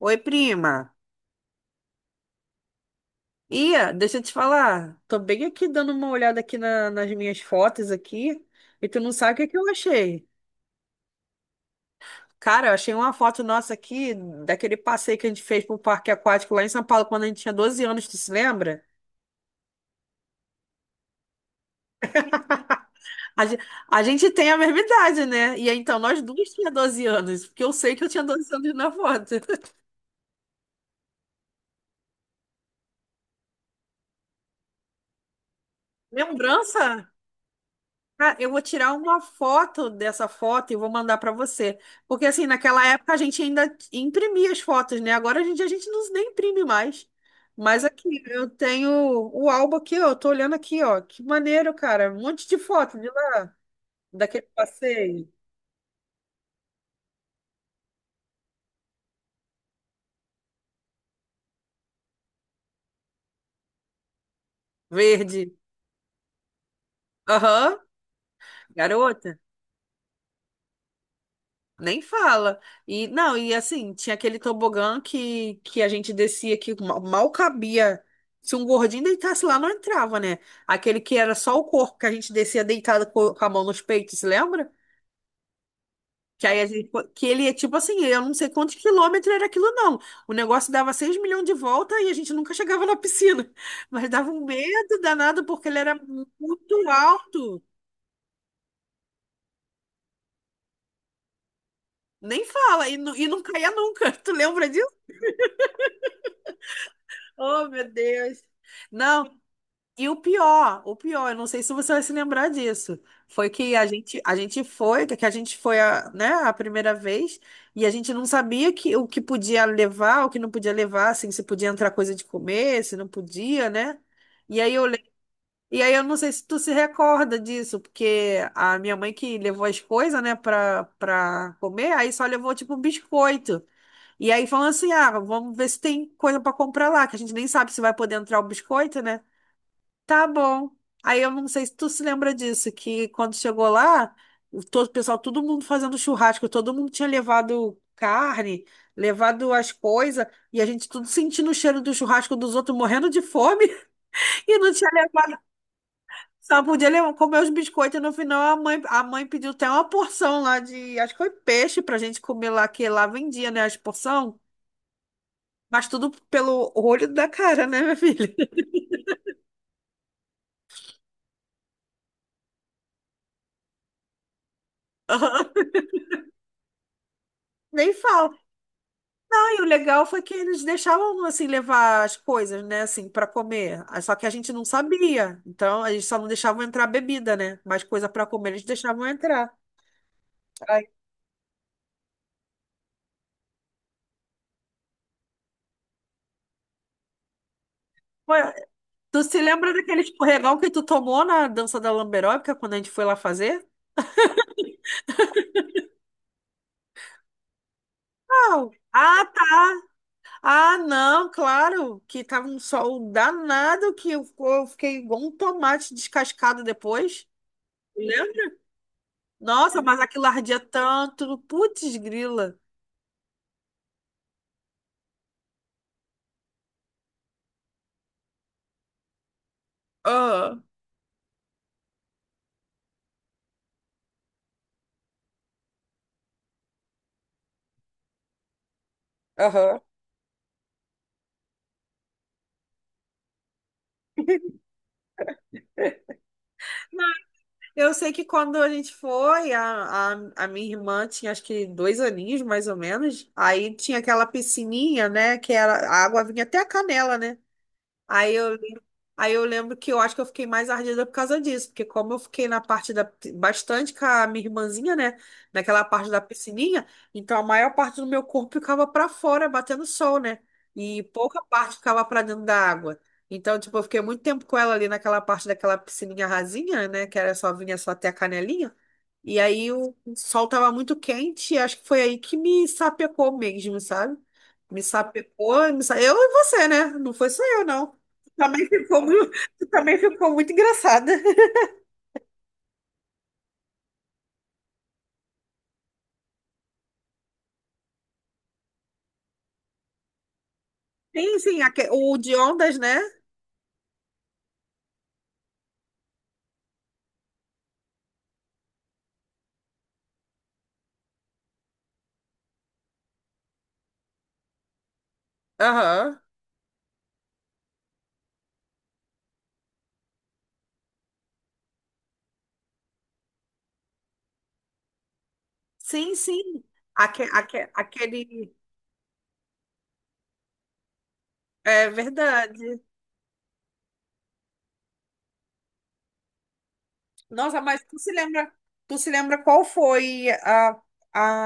Oi, prima. Ia, deixa eu te falar. Tô bem aqui dando uma olhada aqui nas minhas fotos aqui. E tu não sabe o que que eu achei. Cara, eu achei uma foto nossa aqui daquele passeio que a gente fez pro parque aquático lá em São Paulo quando a gente tinha 12 anos, tu se lembra? A, ge- a gente tem a mesma idade, né? E aí, então, nós duas tinha 12 anos, porque eu sei que eu tinha 12 anos na foto. Lembrança? Ah, eu vou tirar uma foto dessa foto e vou mandar para você. Porque, assim, naquela época a gente ainda imprimia as fotos, né? Agora a gente não, nem imprime mais. Mas aqui, eu tenho o álbum aqui, ó. Eu tô olhando aqui, ó. Que maneiro, cara. Um monte de foto de lá, daquele passeio verde. Aham. Garota. Nem fala. E não, e assim, tinha aquele tobogã que a gente descia que mal cabia. Se um gordinho deitasse lá, não entrava, né? Aquele que era só o corpo, que a gente descia deitado com a mão nos peitos, lembra? Que aí que ele é tipo assim, eu não sei quantos quilômetros era aquilo, não. O negócio dava 6 milhões de volta e a gente nunca chegava na piscina. Mas dava um medo danado porque ele era muito alto. Nem fala, e, e não caía nunca. Tu lembra disso? Oh, meu Deus. Não, e o pior, eu não sei se você vai se lembrar disso. Foi que a gente foi a, né, a primeira vez, e a gente não sabia que, o que podia levar, o que não podia levar, assim, se podia entrar coisa de comer, se não podia, né? E aí eu, le- e aí eu não sei se tu se recorda disso, porque a minha mãe que levou as coisas, né, pra comer, aí só levou tipo um biscoito. E aí falando assim, ah, vamos ver se tem coisa para comprar lá, que a gente nem sabe se vai poder entrar o biscoito, né? Tá bom. Aí eu não sei se tu se lembra disso, que quando chegou lá, o pessoal, todo mundo fazendo churrasco, todo mundo tinha levado carne, levado as coisas, e a gente tudo sentindo o cheiro do churrasco dos outros, morrendo de fome, e não tinha levado, só podia levar, comer os biscoitos. E no final, a mãe pediu até uma porção lá de, acho que foi peixe pra gente comer lá, que lá vendia, né, as porção, mas tudo pelo olho da cara, né, minha filha? Nem fala. E o legal foi que eles deixavam assim levar as coisas, né, assim, para comer. Ah, só que a gente não sabia. Então, eles só não deixavam entrar bebida, né? Mas coisa para comer eles deixavam entrar. Aí, ué, tu se lembra daquele escorregão que tu tomou na dança da lamberóbica quando a gente foi lá fazer? Não. Ah, tá. Ah, não, claro, que tava um sol danado que eu fiquei igual um tomate descascado depois. Lembra? Nossa, mas aquilo ardia tanto. Putz, grila. Ah. Aham. Eu sei que quando a gente foi, a minha irmã tinha acho que 2 aninhos, mais ou menos. Aí tinha aquela piscininha, né? Que era, a água vinha até a canela, né? Aí eu, lem- Aí eu lembro que eu acho que eu fiquei mais ardida por causa disso, porque como eu fiquei na parte da, bastante com a minha irmãzinha, né, naquela parte da piscininha, então a maior parte do meu corpo ficava para fora, batendo sol, né, e pouca parte ficava para dentro da água. Então, tipo, eu fiquei muito tempo com ela ali naquela parte daquela piscininha rasinha, né, que era só vinha só até a canelinha, e aí o sol tava muito quente, e acho que foi aí que me sapecou mesmo, sabe? Me sapecou, eu e você, né? Não foi só eu, não. Também ficou muito, também ficou muito engraçada. Sim, sim, o de ondas, né? Aham. Sim, sim. Aquele. É verdade. Nossa, mas tu se lembra qual foi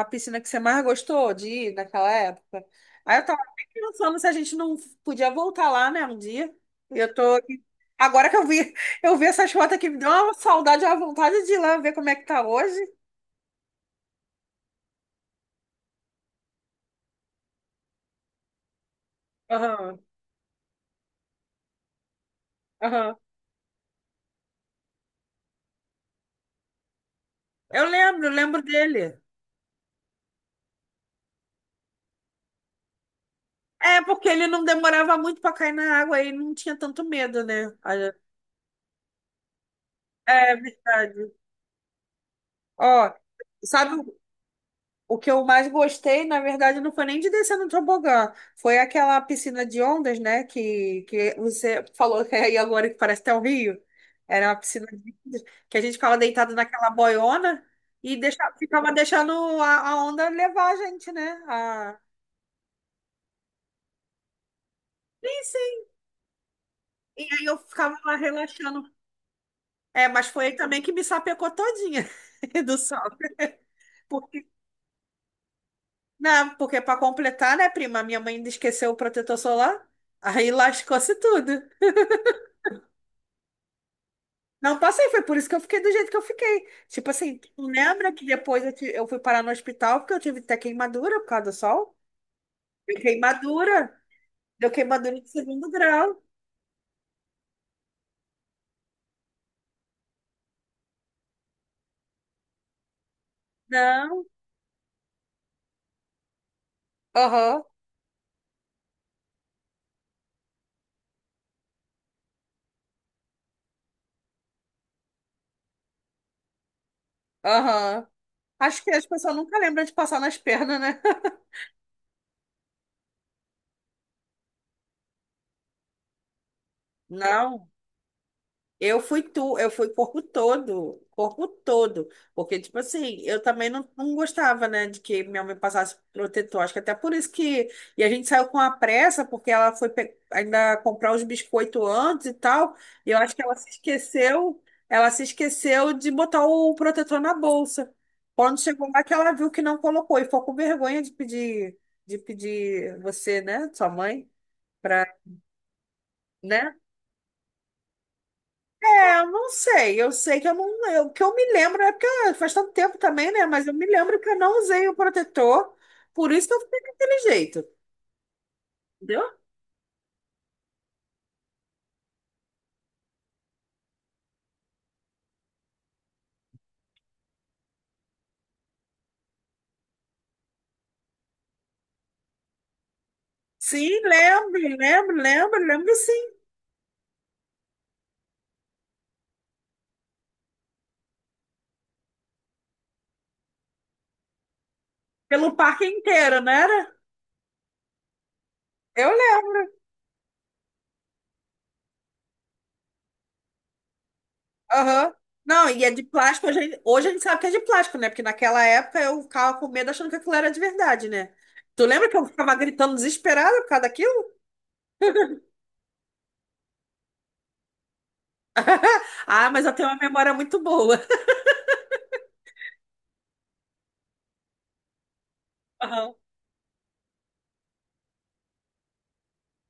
a piscina que você mais gostou de ir naquela época? Aí eu tava até pensando se a gente não podia voltar lá, né, um dia. E eu tô aqui. Agora que eu vi essas fotos aqui, me deu uma saudade, uma vontade de ir lá ver como é que tá hoje. Aham, aham. Eu lembro, lembro dele. É, porque ele não demorava muito para cair na água e não tinha tanto medo, né? Olha, é verdade. Ó, sabe o que eu mais gostei, na verdade, não foi nem de descer no tobogã, foi aquela piscina de ondas, né? Que você falou que é aí agora que parece até o Rio. Era uma piscina de ondas, que a gente ficava deitado naquela boiona e deixava, ficava deixando a onda levar a gente, né? A- Sim, sim. E aí eu ficava lá relaxando. É, mas foi ele também que me sapecou todinha do sol. Porque, não, porque para completar, né, prima, minha mãe ainda esqueceu o protetor solar, aí lascou-se tudo. Não passei, foi por isso que eu fiquei do jeito que eu fiquei. Tipo assim, tu lembra que depois eu fui parar no hospital porque eu tive até queimadura por causa do sol? Deu queimadura, deu queimadura de segundo grau. Não, aham, aham. Acho que as pessoas nunca lembram de passar nas pernas, né? Não. Eu fui tu, eu fui corpo todo, porque tipo assim, eu também não gostava, né, de que minha mãe passasse protetor, acho que até por isso que, e a gente saiu com a pressa, porque ela foi ainda comprar os biscoitos antes e tal, e eu acho que ela se esqueceu de botar o protetor na bolsa, quando chegou lá que ela viu que não colocou, e ficou com vergonha de pedir você, né, sua mãe, pra, né? É, eu não sei. Eu sei que eu não. O que eu me lembro é porque ah, faz tanto tempo também, né? Mas eu me lembro que eu não usei o protetor, por isso que eu fiquei daquele jeito, entendeu? Sim, lembro, lembro, lembro, lembro sim. Pelo parque inteiro, não era? Eu lembro. Aham. Não, e é de plástico. Hoje a gente sabe que é de plástico, né? Porque naquela época eu ficava com medo achando que aquilo era de verdade, né? Tu lembra que eu ficava gritando desesperada por causa daquilo? Ah, mas eu tenho uma memória muito boa.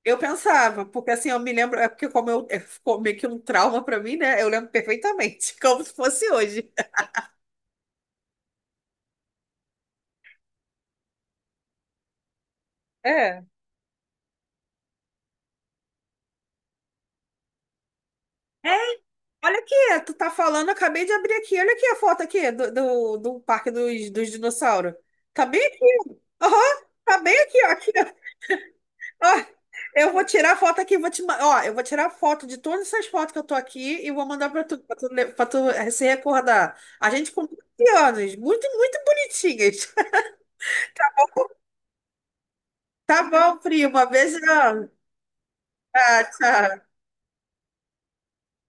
Eu pensava, porque assim, eu me lembro, é porque como eu, é, ficou meio que um trauma pra mim, né? Eu lembro perfeitamente, como se fosse hoje. É. Ei, olha aqui, tu tá falando, eu acabei de abrir aqui, olha aqui a foto aqui do Parque dos Dinossauros. Tá bem? Aham, tá bem aqui, ó, aqui, ó. Ó, eu vou tirar a foto aqui, vou te, ma- ó, eu vou tirar a foto de todas essas fotos que eu tô aqui e vou mandar pra tu, pra tu se recordar. A gente com 15 anos, muito, muito bonitinhas. Tá bom, primo, beijão. Ah, tchau.